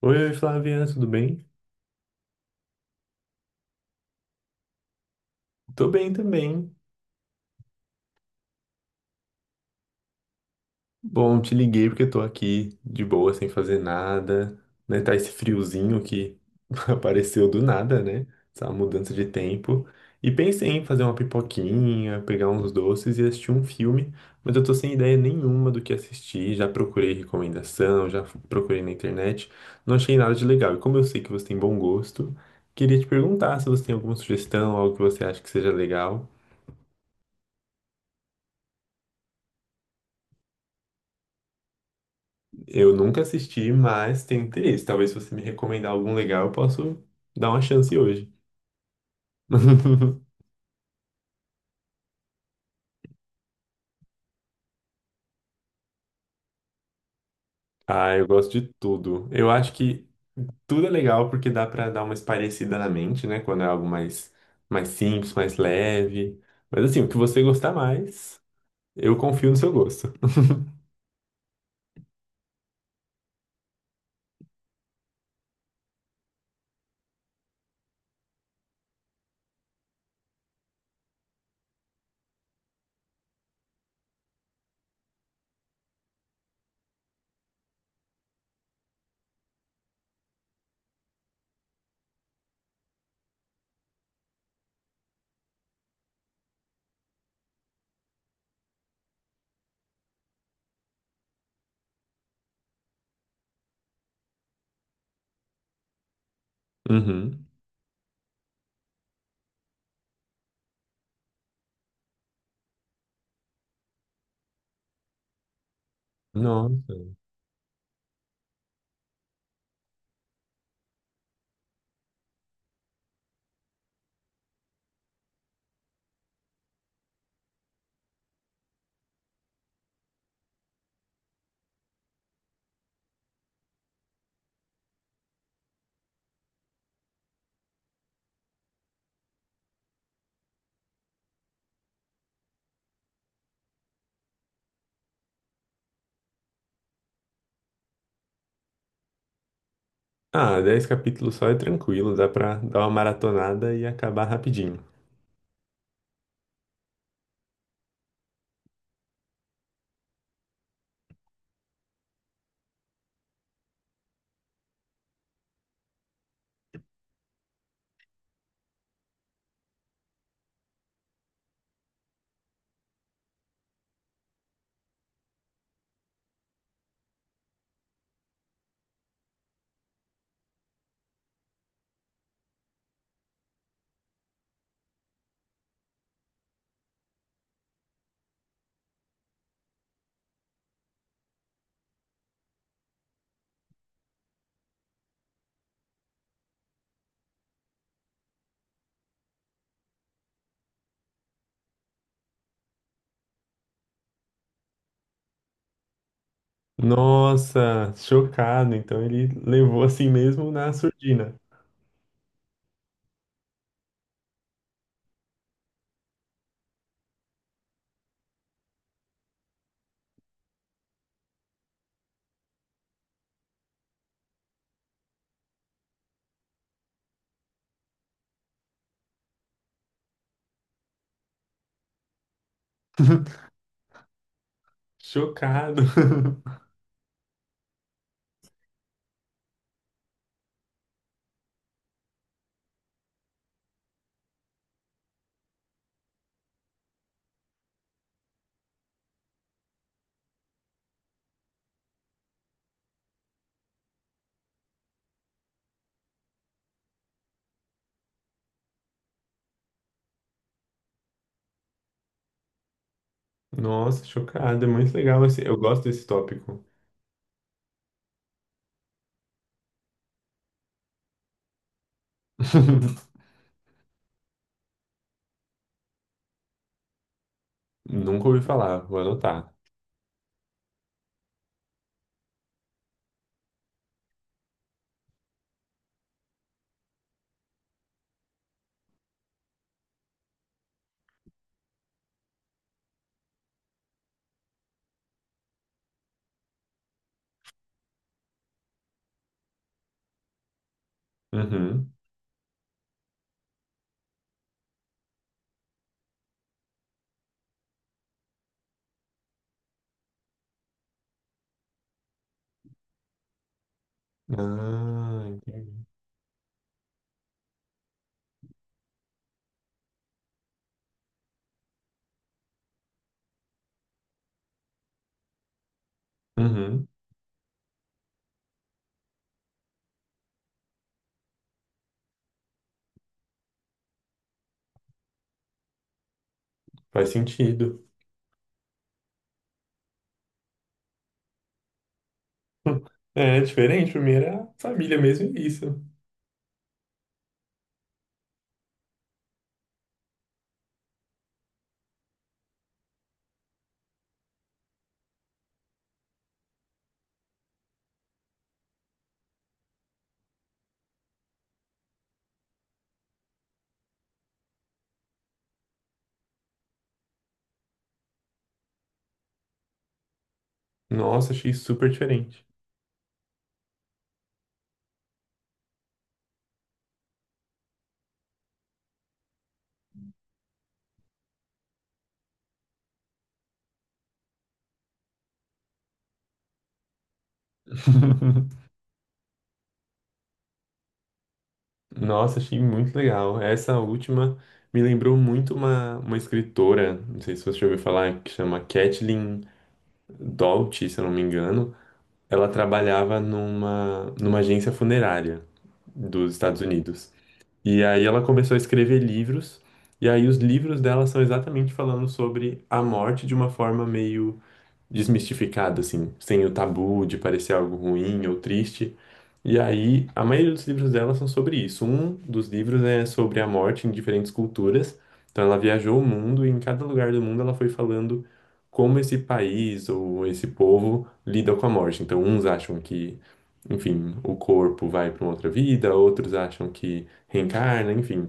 Oi, oi, Flávia, tudo bem? Tô bem também. Bom, te liguei porque tô aqui de boa, sem fazer nada, né? Tá esse friozinho que apareceu do nada, né? Essa mudança de tempo. E pensei em fazer uma pipoquinha, pegar uns doces e assistir um filme, mas eu tô sem ideia nenhuma do que assistir. Já procurei recomendação, procurei na internet, não achei nada de legal. E como eu sei que você tem bom gosto, queria te perguntar se você tem alguma sugestão, algo que você acha que seja legal. Eu nunca assisti, mas tenho interesse. Talvez se você me recomendar algum legal, eu posso dar uma chance hoje. Ah, eu gosto de tudo. Eu acho que tudo é legal porque dá pra dar uma espairecida na mente, né? Quando é algo mais, simples, mais leve. Mas assim, o que você gostar mais, eu confio no seu gosto. Uhum. Nossa. Ah, 10 capítulos só é tranquilo, dá pra dar uma maratonada e acabar rapidinho. Nossa, chocado. Então ele levou assim mesmo na surdina. Chocado. Nossa, chocado. É muito legal esse. Eu gosto desse tópico. Nunca ouvi falar. Vou anotar. Uhum. Ah, entendi. Uhum. Faz sentido. É diferente. Pra mim era família mesmo e isso. Nossa, achei super diferente. Nossa, achei muito legal. Essa última me lembrou muito uma escritora, não sei se você já ouviu falar, que chama Kathleen Doughty, se eu não me engano. Ela trabalhava numa agência funerária dos Estados Unidos. E aí ela começou a escrever livros, e aí os livros dela são exatamente falando sobre a morte de uma forma meio desmistificado, assim, sem o tabu de parecer algo ruim ou triste. E aí, a maioria dos livros dela são sobre isso. Um dos livros é sobre a morte em diferentes culturas. Então, ela viajou o mundo e em cada lugar do mundo ela foi falando como esse país ou esse povo lida com a morte. Então, uns acham que, enfim, o corpo vai para uma outra vida, outros acham que reencarna, enfim.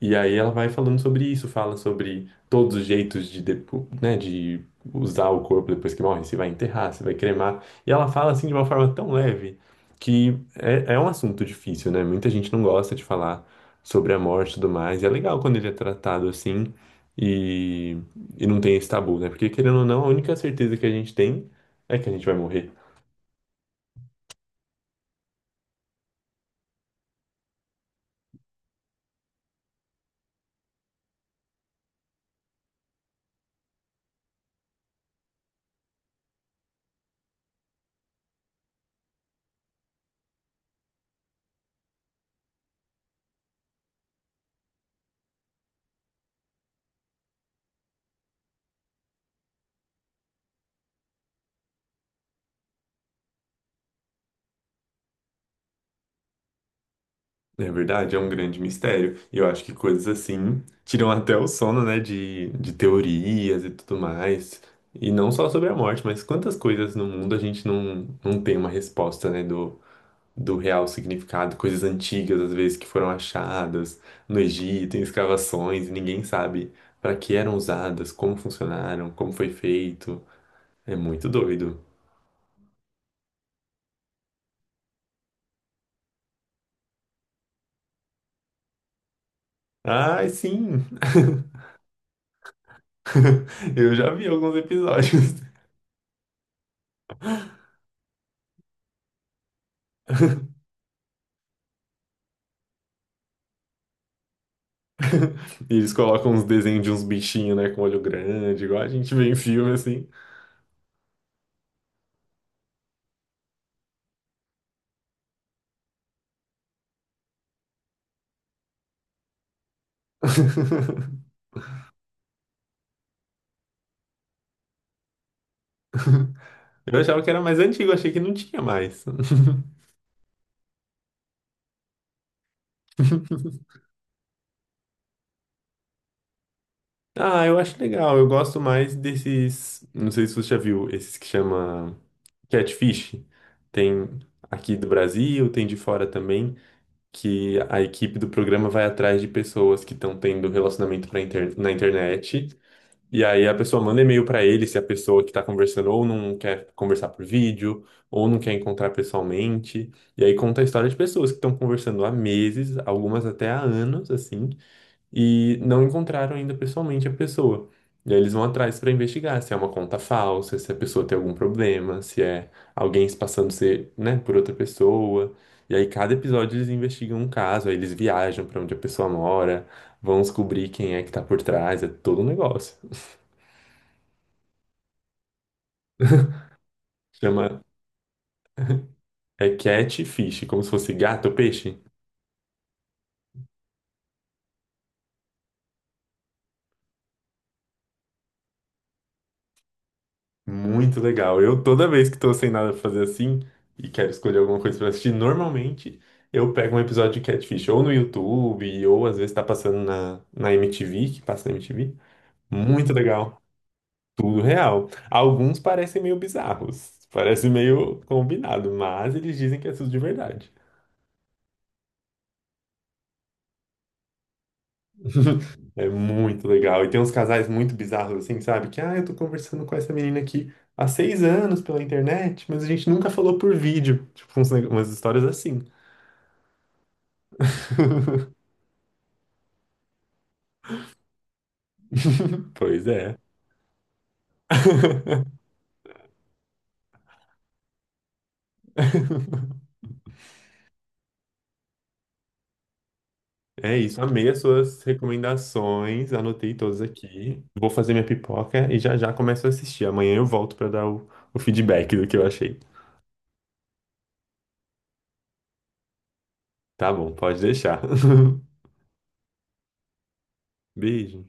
E aí ela vai falando sobre isso, fala sobre todos os jeitos de, né, de usar o corpo depois que morre, se vai enterrar, se vai cremar. E ela fala assim de uma forma tão leve que é um assunto difícil, né? Muita gente não gosta de falar sobre a morte e tudo mais. E é legal quando ele é tratado assim e, não tem esse tabu, né? Porque querendo ou não, a única certeza que a gente tem é que a gente vai morrer. É verdade, é um grande mistério. E eu acho que coisas assim tiram até o sono, né, de teorias e tudo mais. E não só sobre a morte, mas quantas coisas no mundo a gente não tem uma resposta, né, do real significado. Coisas antigas, às vezes, que foram achadas no Egito, em escavações, e ninguém sabe para que eram usadas, como funcionaram, como foi feito. É muito doido. Ai, sim! Eu já vi alguns episódios. E eles colocam uns desenhos de uns bichinhos, né, com olho grande, igual a gente vê em filme, assim. Eu achava que era mais antigo, achei que não tinha mais. Ah, eu acho legal, eu gosto mais desses, não sei se você já viu, esses que chama Catfish. Tem aqui do Brasil, tem de fora também, que a equipe do programa vai atrás de pessoas que estão tendo relacionamento na internet. E aí a pessoa manda e-mail para ele se a pessoa que está conversando ou não quer conversar por vídeo, ou não quer encontrar pessoalmente. E aí conta a história de pessoas que estão conversando há meses, algumas até há anos, assim, e não encontraram ainda pessoalmente a pessoa. E aí eles vão atrás para investigar se é uma conta falsa, se a pessoa tem algum problema, se é alguém se passando ser, né, por outra pessoa. E aí cada episódio eles investigam um caso, aí eles viajam para onde a pessoa mora, vão descobrir quem é que está por trás, é todo um negócio. Chama é catfish, como se fosse gato ou peixe. Muito legal. Eu toda vez que tô sem nada pra fazer assim e quero escolher alguma coisa pra assistir, normalmente eu pego um episódio de catfish ou no YouTube ou às vezes tá passando na MTV, que passa na MTV. Muito legal. Tudo real. Alguns parecem meio bizarros, parece meio combinado, mas eles dizem que é tudo de verdade. É muito legal. E tem uns casais muito bizarros, assim, sabe? Que, ah, eu tô conversando com essa menina aqui há 6 anos pela internet, mas a gente nunca falou por vídeo. Tipo, uns neg- umas histórias assim. Pois é. É isso. Amei as suas recomendações. Anotei todas aqui. Vou fazer minha pipoca e já já começo a assistir. Amanhã eu volto pra dar o feedback do que eu achei. Tá bom, pode deixar. Beijo.